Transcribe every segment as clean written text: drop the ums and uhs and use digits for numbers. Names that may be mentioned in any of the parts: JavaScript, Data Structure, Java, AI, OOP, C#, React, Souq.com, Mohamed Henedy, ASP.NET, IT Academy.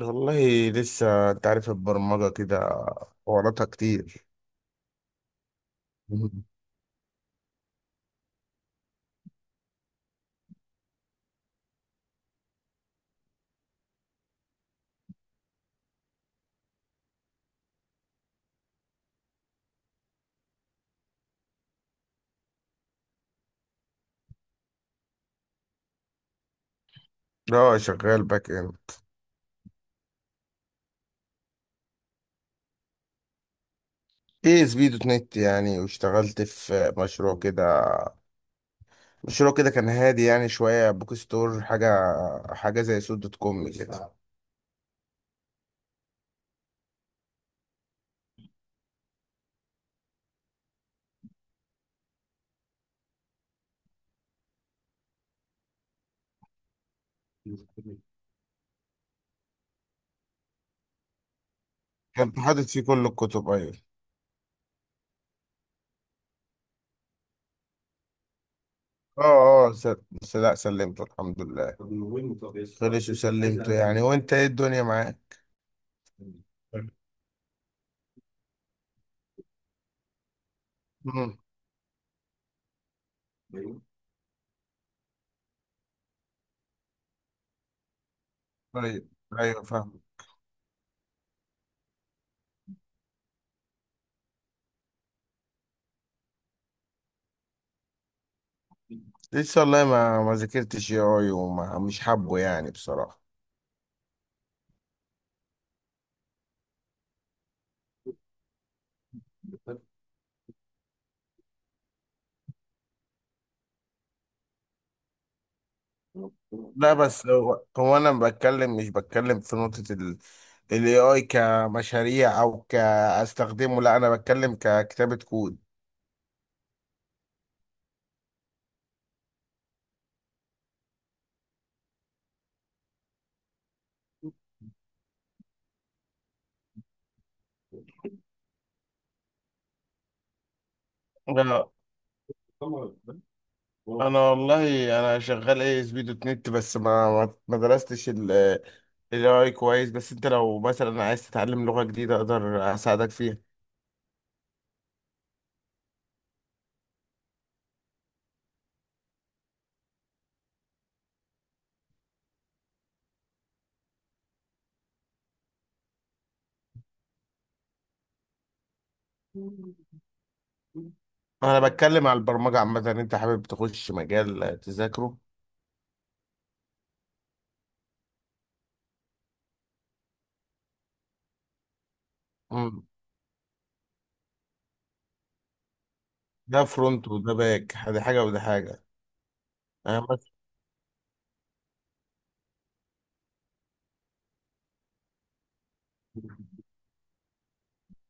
والله لسه انت عارف البرمجة كده وراتها كتير. لا، شغال باك اند. اي اس بي دوت نت يعني، واشتغلت في مشروع كده، مشروع كده كان هادي يعني، شوية بوك ستور حاجة، حاجة زي سوق دوت كوم كده. كنت حاطط فيه كل الكتب، ايوه. اه. اه سل... لا، سلمته الحمد لله، خلص وسلمته يعني. وانت ايه الدنيا معاك؟ مم. طيب. ايوه فاهم. لسه والله ما ذاكرتش اي اي، وما مش حابه يعني بصراحة. لا بس هو انا بتكلم، مش بتكلم في نقطة ال الاي اي كمشاريع او كاستخدمه، لا انا بتكلم ككتابة كود. لا، انا والله انا شغال اي اس بي دوت نت، بس ما درستش ال الاي اي كويس. بس انت لو مثلا عايز تتعلم لغة جديدة اقدر اساعدك فيها. انا بتكلم على البرمجة عامة، انت حابب تخش مجال تذاكره؟ ده فرونت وده باك، ده حاجه وده حاجه. انا بس.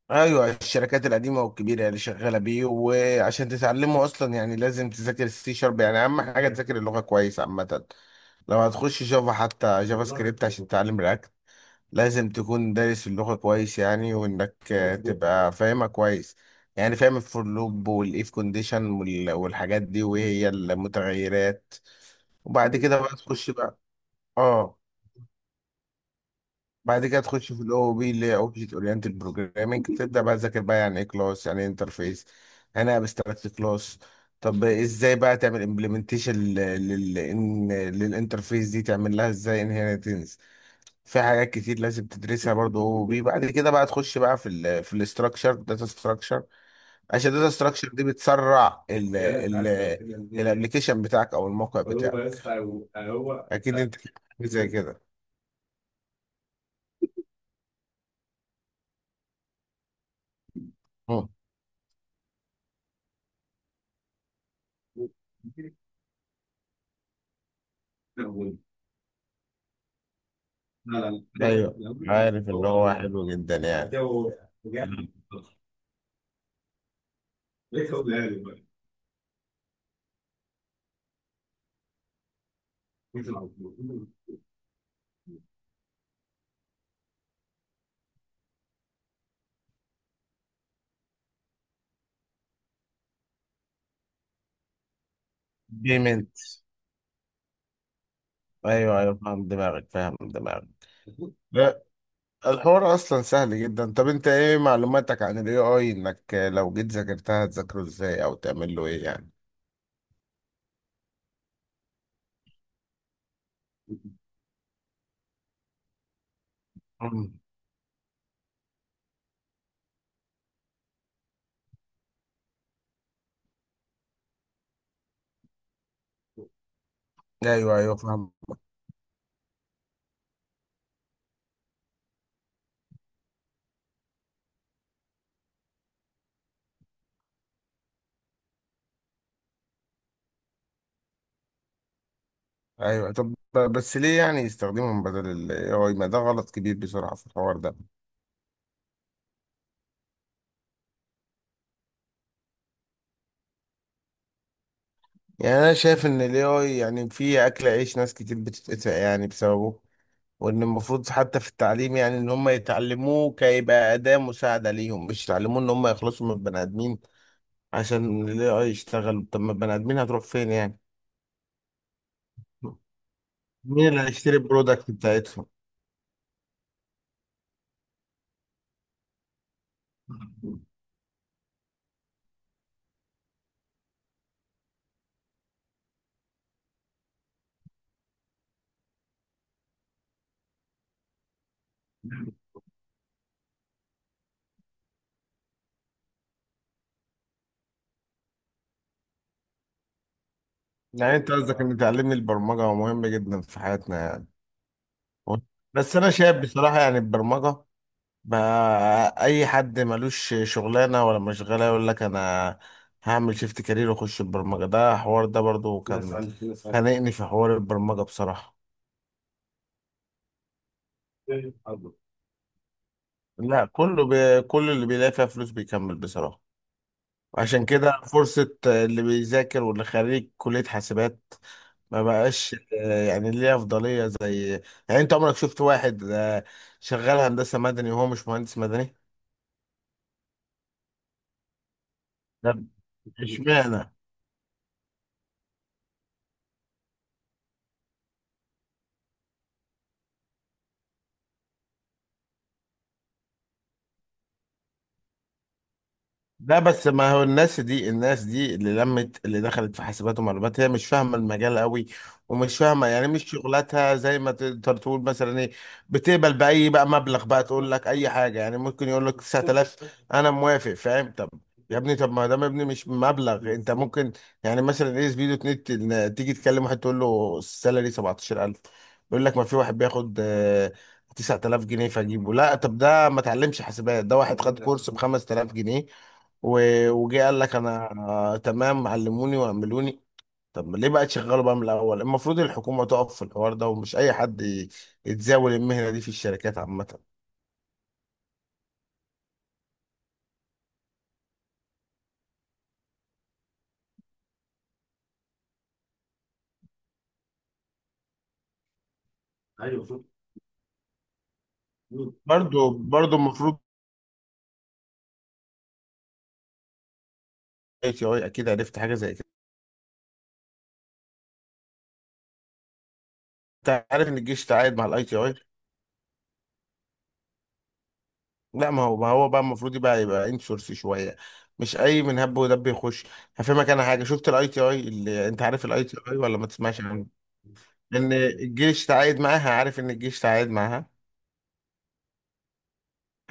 ايوه، الشركات القديمه والكبيره اللي شغاله بيه. وعشان تتعلمه اصلا يعني لازم تذاكر السي شارب، يعني اهم حاجه تذاكر اللغه كويس عامه. لو هتخش جافا حتى جافا سكريبت عشان تتعلم رياكت، لازم تكون دارس اللغه كويس يعني، وانك تبقى فاهمها كويس. يعني فاهم الفور لوب والايف كونديشن والحاجات دي، وهي المتغيرات. وبعد كده بقى تخش بقى. اه. بعد كده تخش في الاو بي اللي هي اوبجكت اورينتد بروجرامنج، تبدا بقى تذاكر بقى يعني ايه كلاس، يعني ايه انترفيس، يعني ايه ابستراكت كلاس. طب ازاي بقى تعمل امبلمنتيشن للانترفيس دي، تعمل لها ازاي انهيرتنس. في حاجات كتير لازم تدرسها برضه او بي. بعد كده بقى تخش بقى في ال في الاستراكشر، داتا ستراكشر، عشان الداتا ستراكشر دي بتسرع الابلكيشن بتاعك او الموقع بتاعك. اكيد انت في حاجة زي كده. ده ايوه. عارف ان هو حلو جدا يعني، جو. بيمنت. ايوه ايوه، فاهم دماغك فاهم دماغك. لا، الحوار اصلا سهل جدا. طب انت ايه معلوماتك عن الاي اي؟ انك لو جيت ذاكرتها هتذاكره ازاي، او تعمل له ايه يعني؟ مم. ايوه ايوه فاهم. ايوه طب. بس ليه يعني يستخدمهم بدل الاي اي؟ ما ده غلط كبير بسرعه في الحوار ده. يعني انا شايف ان الاي اي يعني في اكل عيش ناس كتير بتتقطع يعني بسببه. وان المفروض حتى في التعليم يعني ان هم يتعلموه كيبقى اداة مساعدة ليهم، مش يتعلموه ان هم يخلصوا من البني ادمين عشان ال AI يشتغل. طب ما البني ادمين هتروح فين يعني؟ مين اللي هيشتري البرودكت بتاعتهم؟ يعني انت قصدك ان تعلمني البرمجة مهم جدا في حياتنا يعني. بس انا شايف بصراحة يعني البرمجة بقى اي حد ملوش شغلانة ولا مشغلة يقول لك انا هعمل شيفت كارير واخش البرمجة. ده حوار، ده برضو كان خانقني في حوار البرمجة بصراحة. لا كله بي... كل اللي بيلاقي فيها فلوس بيكمل بصراحة. عشان كده فرصة اللي بيذاكر واللي خريج كلية حاسبات ما بقاش يعني ليه أفضلية زي. يعني أنت عمرك شفت واحد شغال هندسة مدني وهو مش مهندس مدني؟ لا. اشمعنى؟ لا بس ما هو الناس دي، الناس دي اللي لمت اللي دخلت في حاسبات ومعلومات هي مش فاهمه المجال قوي، ومش فاهمه يعني مش شغلتها زي ما تقدر تقول مثلا ايه. بتقبل باي بقى مبلغ، بقى تقول لك اي حاجه، يعني ممكن يقول لك 9000 انا موافق فاهم. طب يا ابني، طب ما دام ابني مش مبلغ، انت ممكن يعني مثلا ايه، سبيدو نت، تيجي تكلم واحد تقول له السالري 17,000، يقول لك ما في واحد بياخد 9000 جنيه. فاجيبه لا، طب ده ما اتعلمش حاسبات، ده واحد خد كورس ب 5000 جنيه، وجه قال لك انا تمام علموني واعملوني. طب ليه بقى تشغله بقى من الاول؟ المفروض الحكومه تقف في الحوار ده، ومش اي حد يتزاول المهنه دي في الشركات عامه. برضو، برضو المفروض اي تي اي اكيد عرفت حاجه زي كده. انت عارف ان الجيش تعاقد مع الاي تي اي؟ لا ما هو، ما هو بقى المفروض يبقى انسورس شويه، مش اي من هب ودب يخش. هفهمك انا حاجه، شفت الاي تي اي؟ اللي انت عارف الاي تي اي ولا ما تسمعش عنه؟ ان الجيش تعاقد معاها، عارف ان الجيش تعاقد معاها.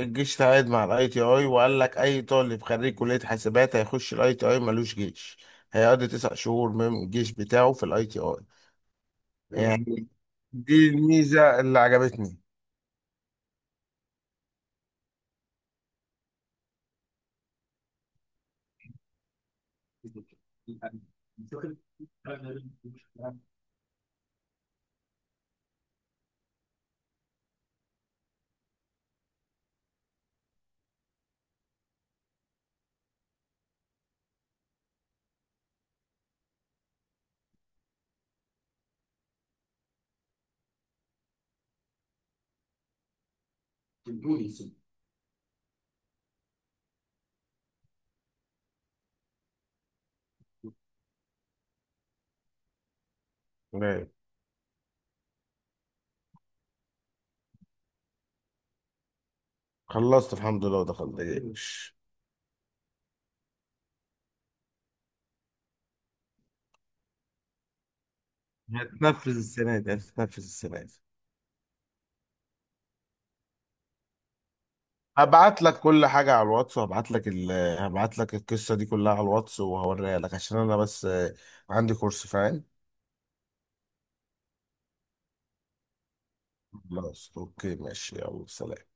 الجيش تعاقد مع الاي تي اي وقال لك اي طالب خريج كلية حاسبات هيخش الاي تي اي ملوش جيش، هيقضي 9 شهور من الجيش بتاعه في الاي تي اي، يعني. دي الميزة اللي عجبتني. تمام، خلصت الحمد لله ودخلت الجيش. هتنفذ السنة دي، هتنفذ السنة دي. هبعت لك كل حاجة على الواتس وهبعت لك ال... هبعت لك القصة دي كلها على الواتس وهوريها لك، عشان انا بس عندي كورس، فاهم. خلاص اوكي، ماشي، يلا سلام.